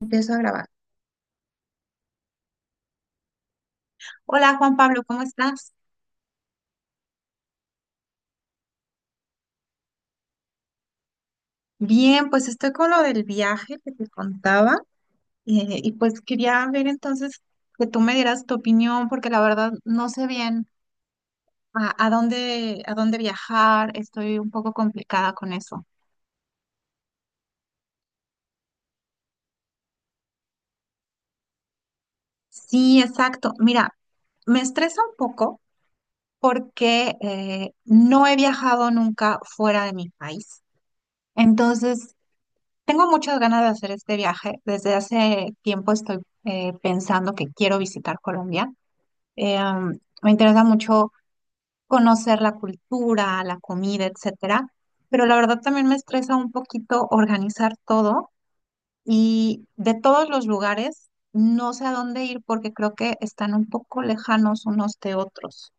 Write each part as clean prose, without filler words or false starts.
Empiezo a grabar. Hola Juan Pablo, ¿cómo estás? Bien, pues estoy con lo del viaje que te contaba, y pues quería ver entonces que tú me dieras tu opinión porque la verdad no sé bien a dónde viajar, estoy un poco complicada con eso. Sí, exacto. Mira, me estresa un poco porque no he viajado nunca fuera de mi país. Entonces, tengo muchas ganas de hacer este viaje. Desde hace tiempo estoy pensando que quiero visitar Colombia. Me interesa mucho conocer la cultura, la comida, etcétera. Pero la verdad también me estresa un poquito organizar todo y de todos los lugares no sé a dónde ir porque creo que están un poco lejanos unos de otros.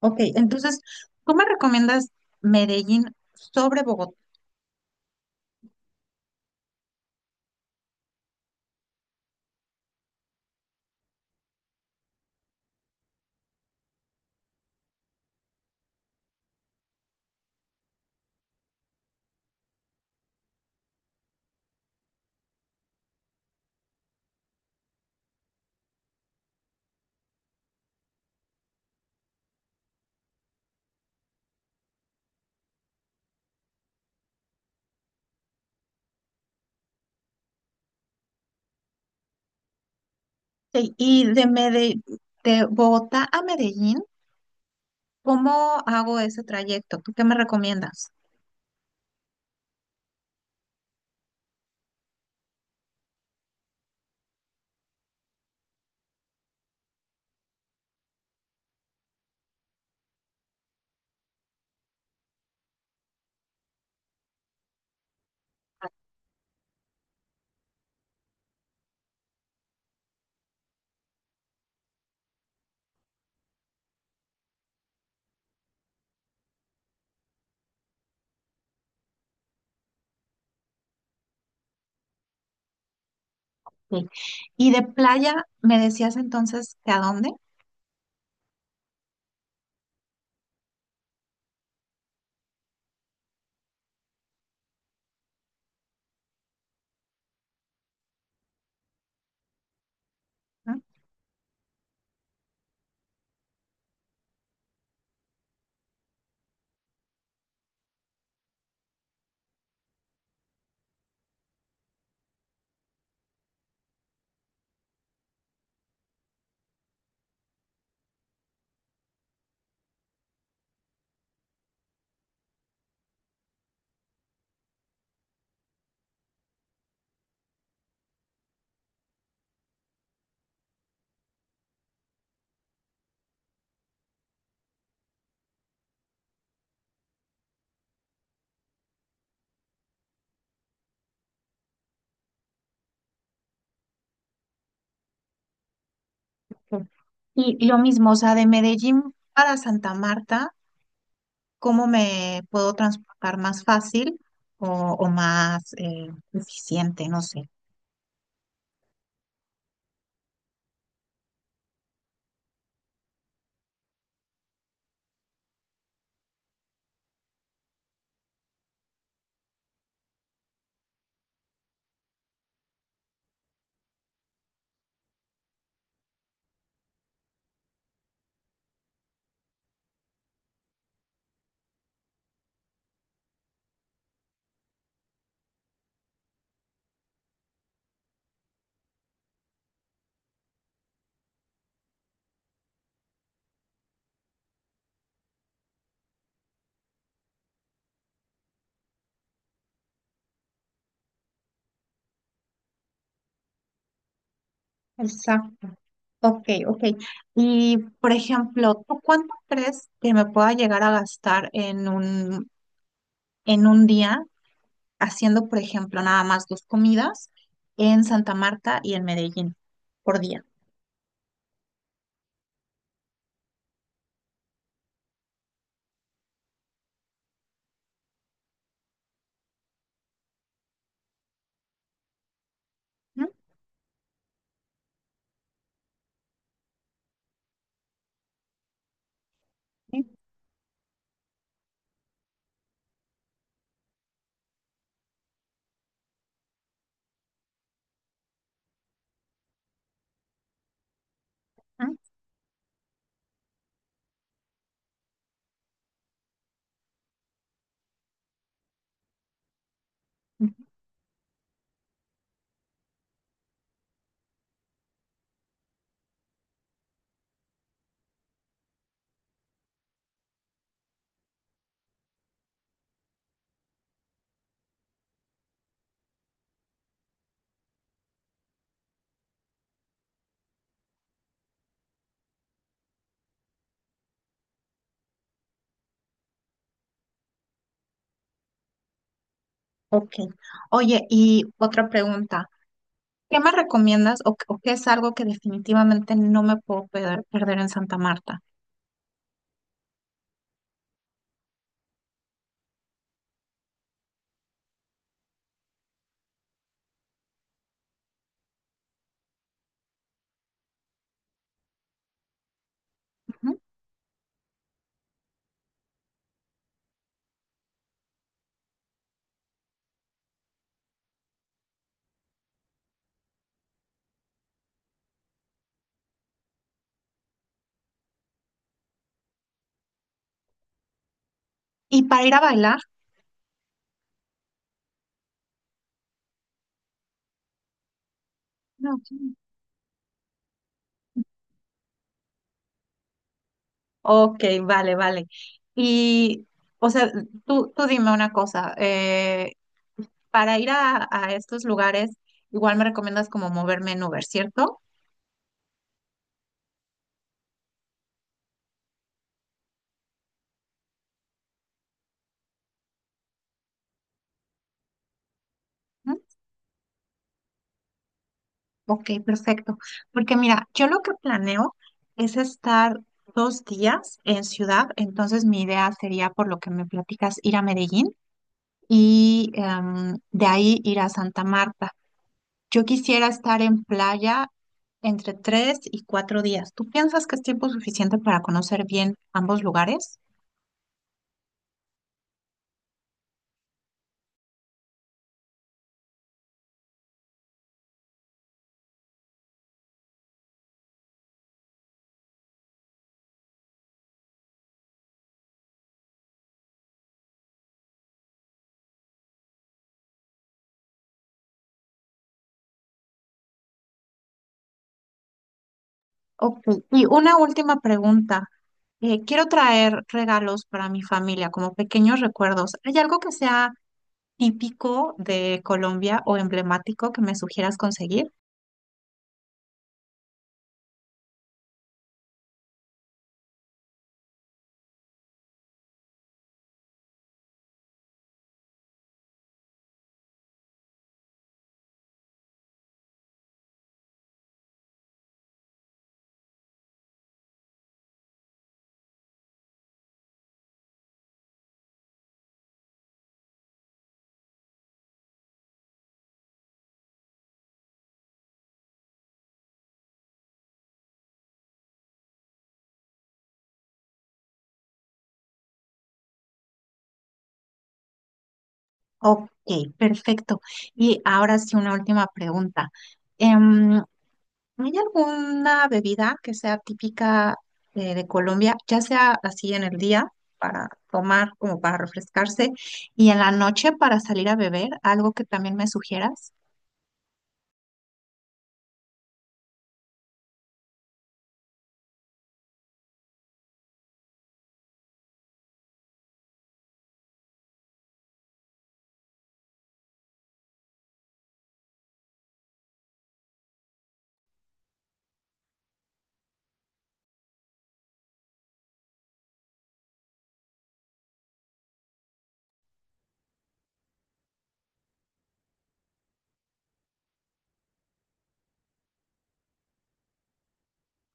Ok, entonces, ¿tú me recomiendas Medellín sobre Bogotá? Y y de Mede- ¿De Bogotá a Medellín, cómo hago ese trayecto? ¿Tú qué me recomiendas? Sí. Y de playa, ¿me decías entonces que a dónde? ¿No? Sí. Y lo mismo, o sea, de Medellín para Santa Marta, ¿cómo me puedo transportar más fácil o, o más eficiente? No sé. Exacto. Ok, ok. Y, por ejemplo, ¿tú cuánto crees que me pueda llegar a gastar en en un día haciendo, por ejemplo, nada más dos comidas en Santa Marta y en Medellín por día? ¿Mm? Sí. ¿Mm? Ujú. Ok. Oye, y otra pregunta. ¿Qué me recomiendas o qué es algo que definitivamente no me puedo perder en Santa Marta? Ujú. ¿Y para ir a bailar? No, ok, ok, vale, vale. Y, o sea, tú dime una cosa. Para ir a estos lugares, igual me recomiendas como moverme en Uber, ¿cierto? Ok, perfecto. Porque mira, yo lo que planeo es estar dos días en ciudad, entonces mi idea sería, por lo que me platicas, ir a Medellín y de ahí ir a Santa Marta. Yo quisiera estar en playa entre tres y cuatro días. ¿Tú piensas que es tiempo suficiente para conocer bien ambos lugares? Ok, y una última pregunta. Quiero traer regalos para mi familia como pequeños recuerdos. ¿Hay algo que sea típico de Colombia o emblemático que me sugieras conseguir? Ok, perfecto. Y ahora sí, una última pregunta. Em, ¿Hay alguna bebida que sea típica, de Colombia, ya sea así en el día para tomar, como para refrescarse, y en la noche para salir a beber? ¿Algo que también me sugieras?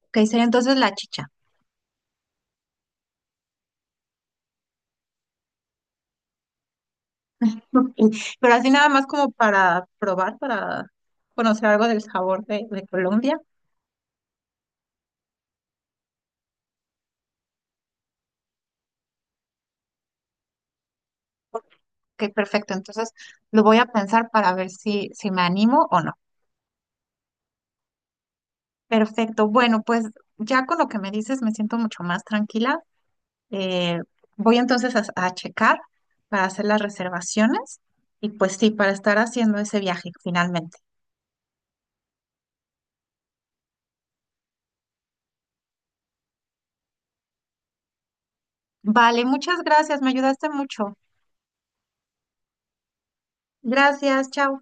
Ok, sería entonces la chicha. Ok, pero así nada más como para probar, para conocer algo del sabor de Colombia. Ok, perfecto. Entonces lo voy a pensar para ver si, si me animo o no. Perfecto. Bueno, pues ya con lo que me dices me siento mucho más tranquila. Eh, Voy entonces a checar para hacer las reservaciones y pues sí, para estar haciendo ese viaje finalmente. Vale, muchas gracias. Me ayudaste mucho. Gracias. Chao.